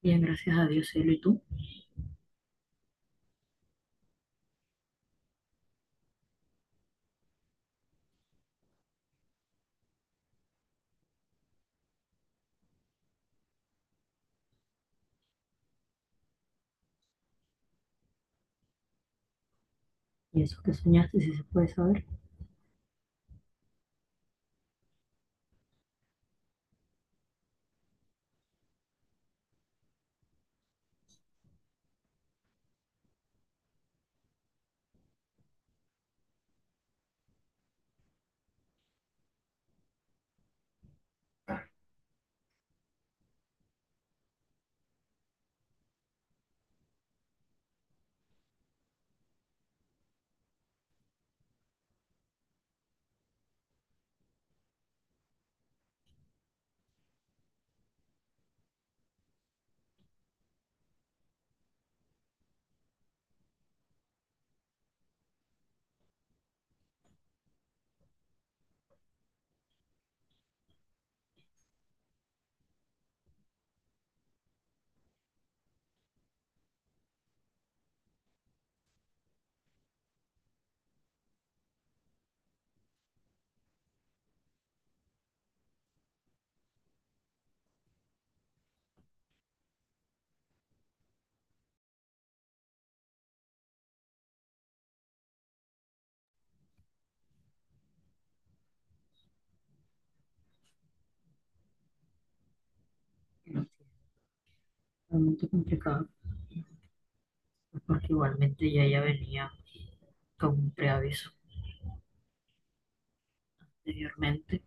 Bien, gracias a Dios, cielo, ¿y tú? ¿Y eso que soñaste, si se puede saber? No, realmente complicado, porque igualmente ya ella venía con un preaviso anteriormente.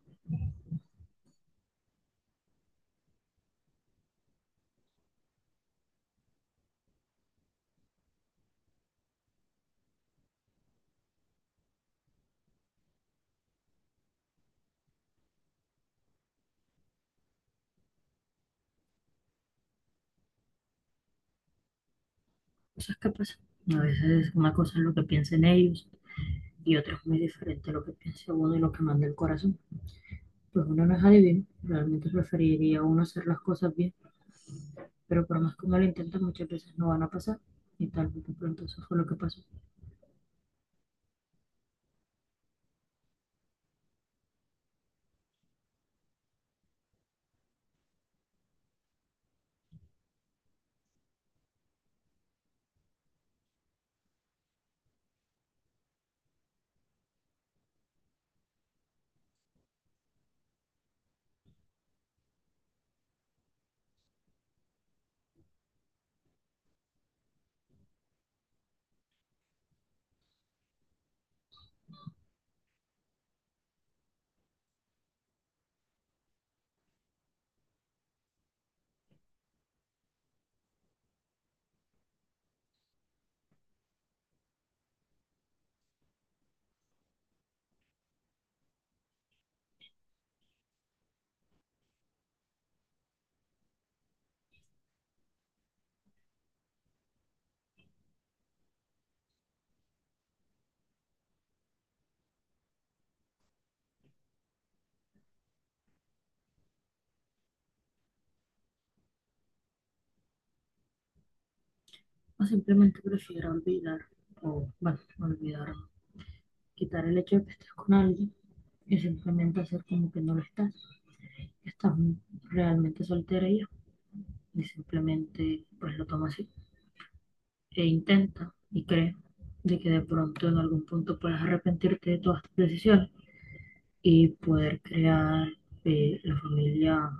Cosas que pasan. A veces una cosa es lo que piensen ellos y otra es muy diferente a lo que piensa uno y lo que manda el corazón. Pues uno no es adivino, realmente preferiría uno hacer las cosas bien, pero por más que uno lo intenta, muchas veces no van a pasar. Y tal vez de pronto eso fue lo que pasó. O simplemente prefiero olvidar, o bueno, olvidar quitar el hecho de que estés con alguien y simplemente hacer como que no lo estás, que estás realmente soltera y simplemente pues lo toma así e intenta y cree de que de pronto en algún punto puedas arrepentirte de todas tus decisiones y poder crear la familia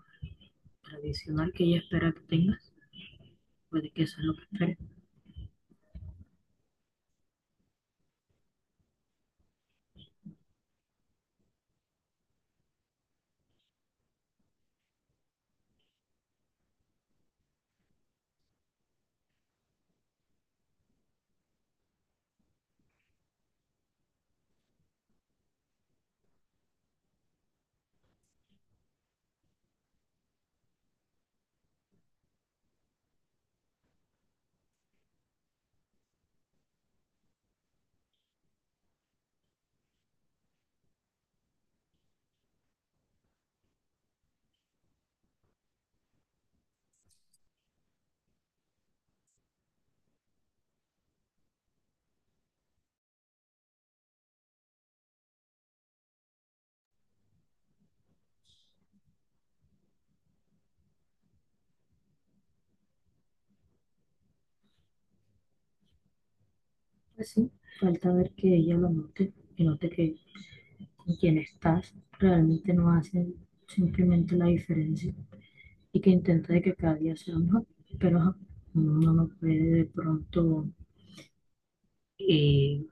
tradicional que ella espera que tengas, puede que eso es lo que espera. Así, falta ver que ella lo note y note que con quien estás realmente no hace simplemente la diferencia y que intente de que cada día sea mejor, pero ajá, uno no puede de pronto eh,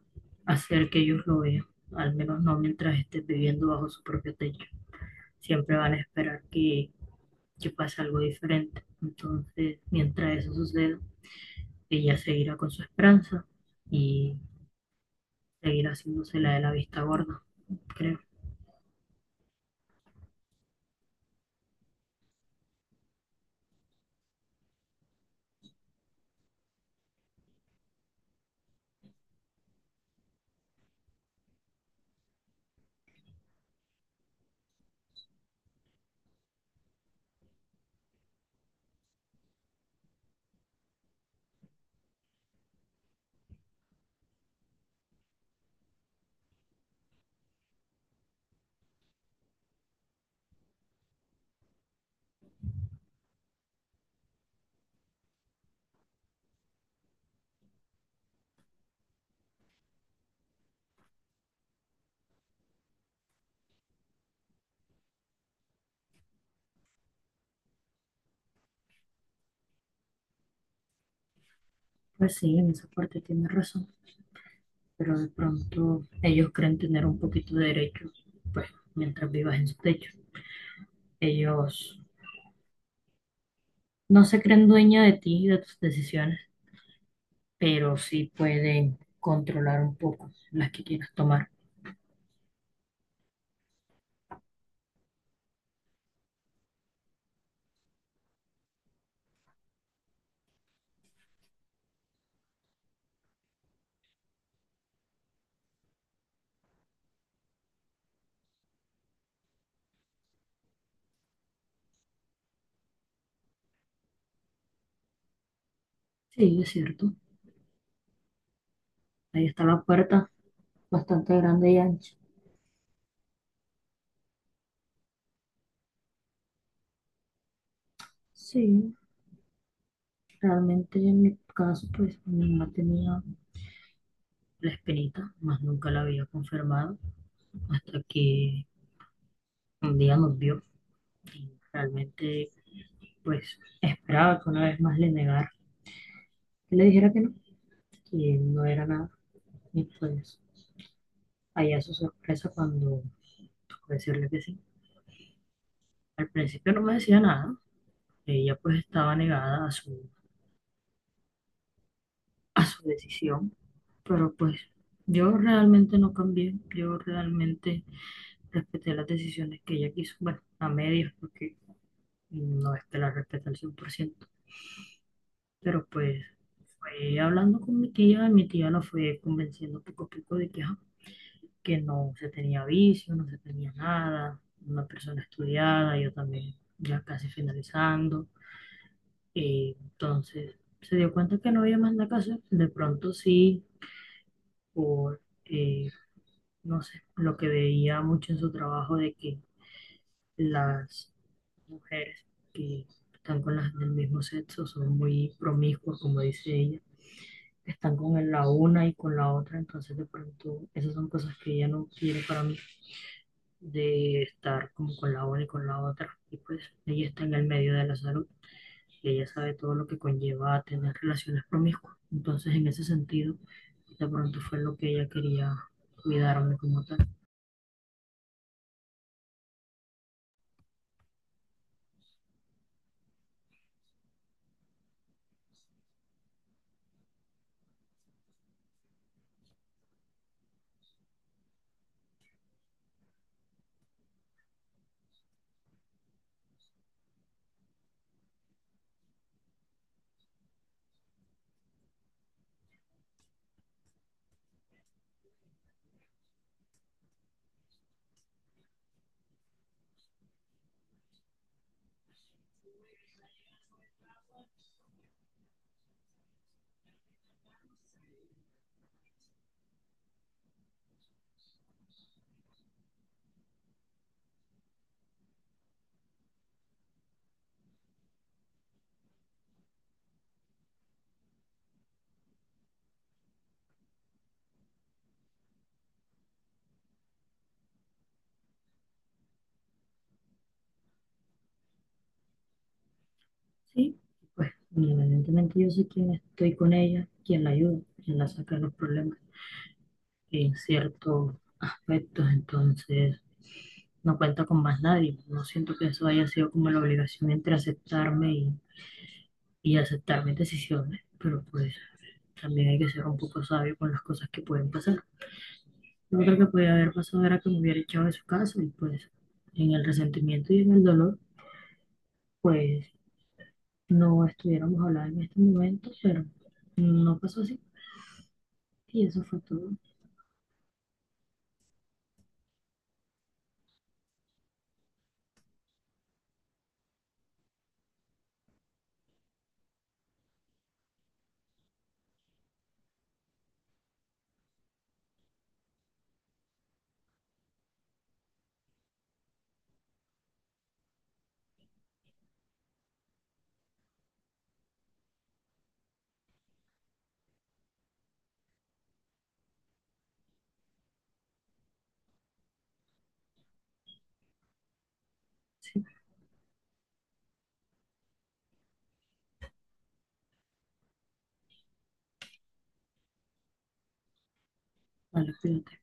hacer que ellos lo vean, al menos no mientras estés viviendo bajo su propio techo. Siempre van a esperar que pase algo diferente. Entonces, mientras eso suceda, ella seguirá con su esperanza y seguirá haciéndose la de la vista gorda, creo. Pues sí, en esa parte tienes razón, pero de pronto ellos creen tener un poquito de derecho, pues mientras vivas en su techo. Ellos no se creen dueña de ti y de tus decisiones, pero sí pueden controlar un poco las que quieras tomar. Sí, es cierto. Ahí está la puerta, bastante grande y ancha. Sí, realmente en mi caso, pues mi mamá tenía la espinita, más nunca la había confirmado hasta que un día nos vio y realmente, pues esperaba que una vez más le negara, que le dijera que no era nada. Y pues, allá su sorpresa cuando tocó decirle que sí. Al principio no me decía nada, ella pues estaba negada a su decisión, pero pues yo realmente no cambié, yo realmente respeté las decisiones que ella quiso, bueno, a medias porque no es que la respete al 100% pero pues fue hablando con mi tía la fue convenciendo poco a poco de que, ajá, que no se tenía vicio, no se tenía nada, una persona estudiada, yo también ya casi finalizando. Y entonces se dio cuenta que no había más nada que hacer. De pronto sí, por, no sé, lo que veía mucho en su trabajo de que las mujeres que están con las del mismo sexo son muy promiscuas, como dice ella, están con la una y con la otra, entonces de pronto esas son cosas que ella no quiere para mí, de estar como con la una y con la otra. Y pues ella está en el medio de la salud, que ella sabe todo lo que conlleva tener relaciones promiscuas. Entonces, en ese sentido, de pronto fue lo que ella quería cuidarme como tal. Sí, pues independientemente yo sé quién estoy con ella, quién la ayuda, quién la saca de los problemas en ciertos aspectos, entonces no cuenta con más nadie. No siento que eso haya sido como la obligación entre aceptarme y aceptar mis decisiones, pero pues también hay que ser un poco sabio con las cosas que pueden pasar. Yo creo que podía haber pasado era que me hubiera echado de su casa y pues en el resentimiento y en el dolor, pues no estuviéramos hablando en este momento, pero no pasó así y eso fue todo. Sí, vale, cuídate.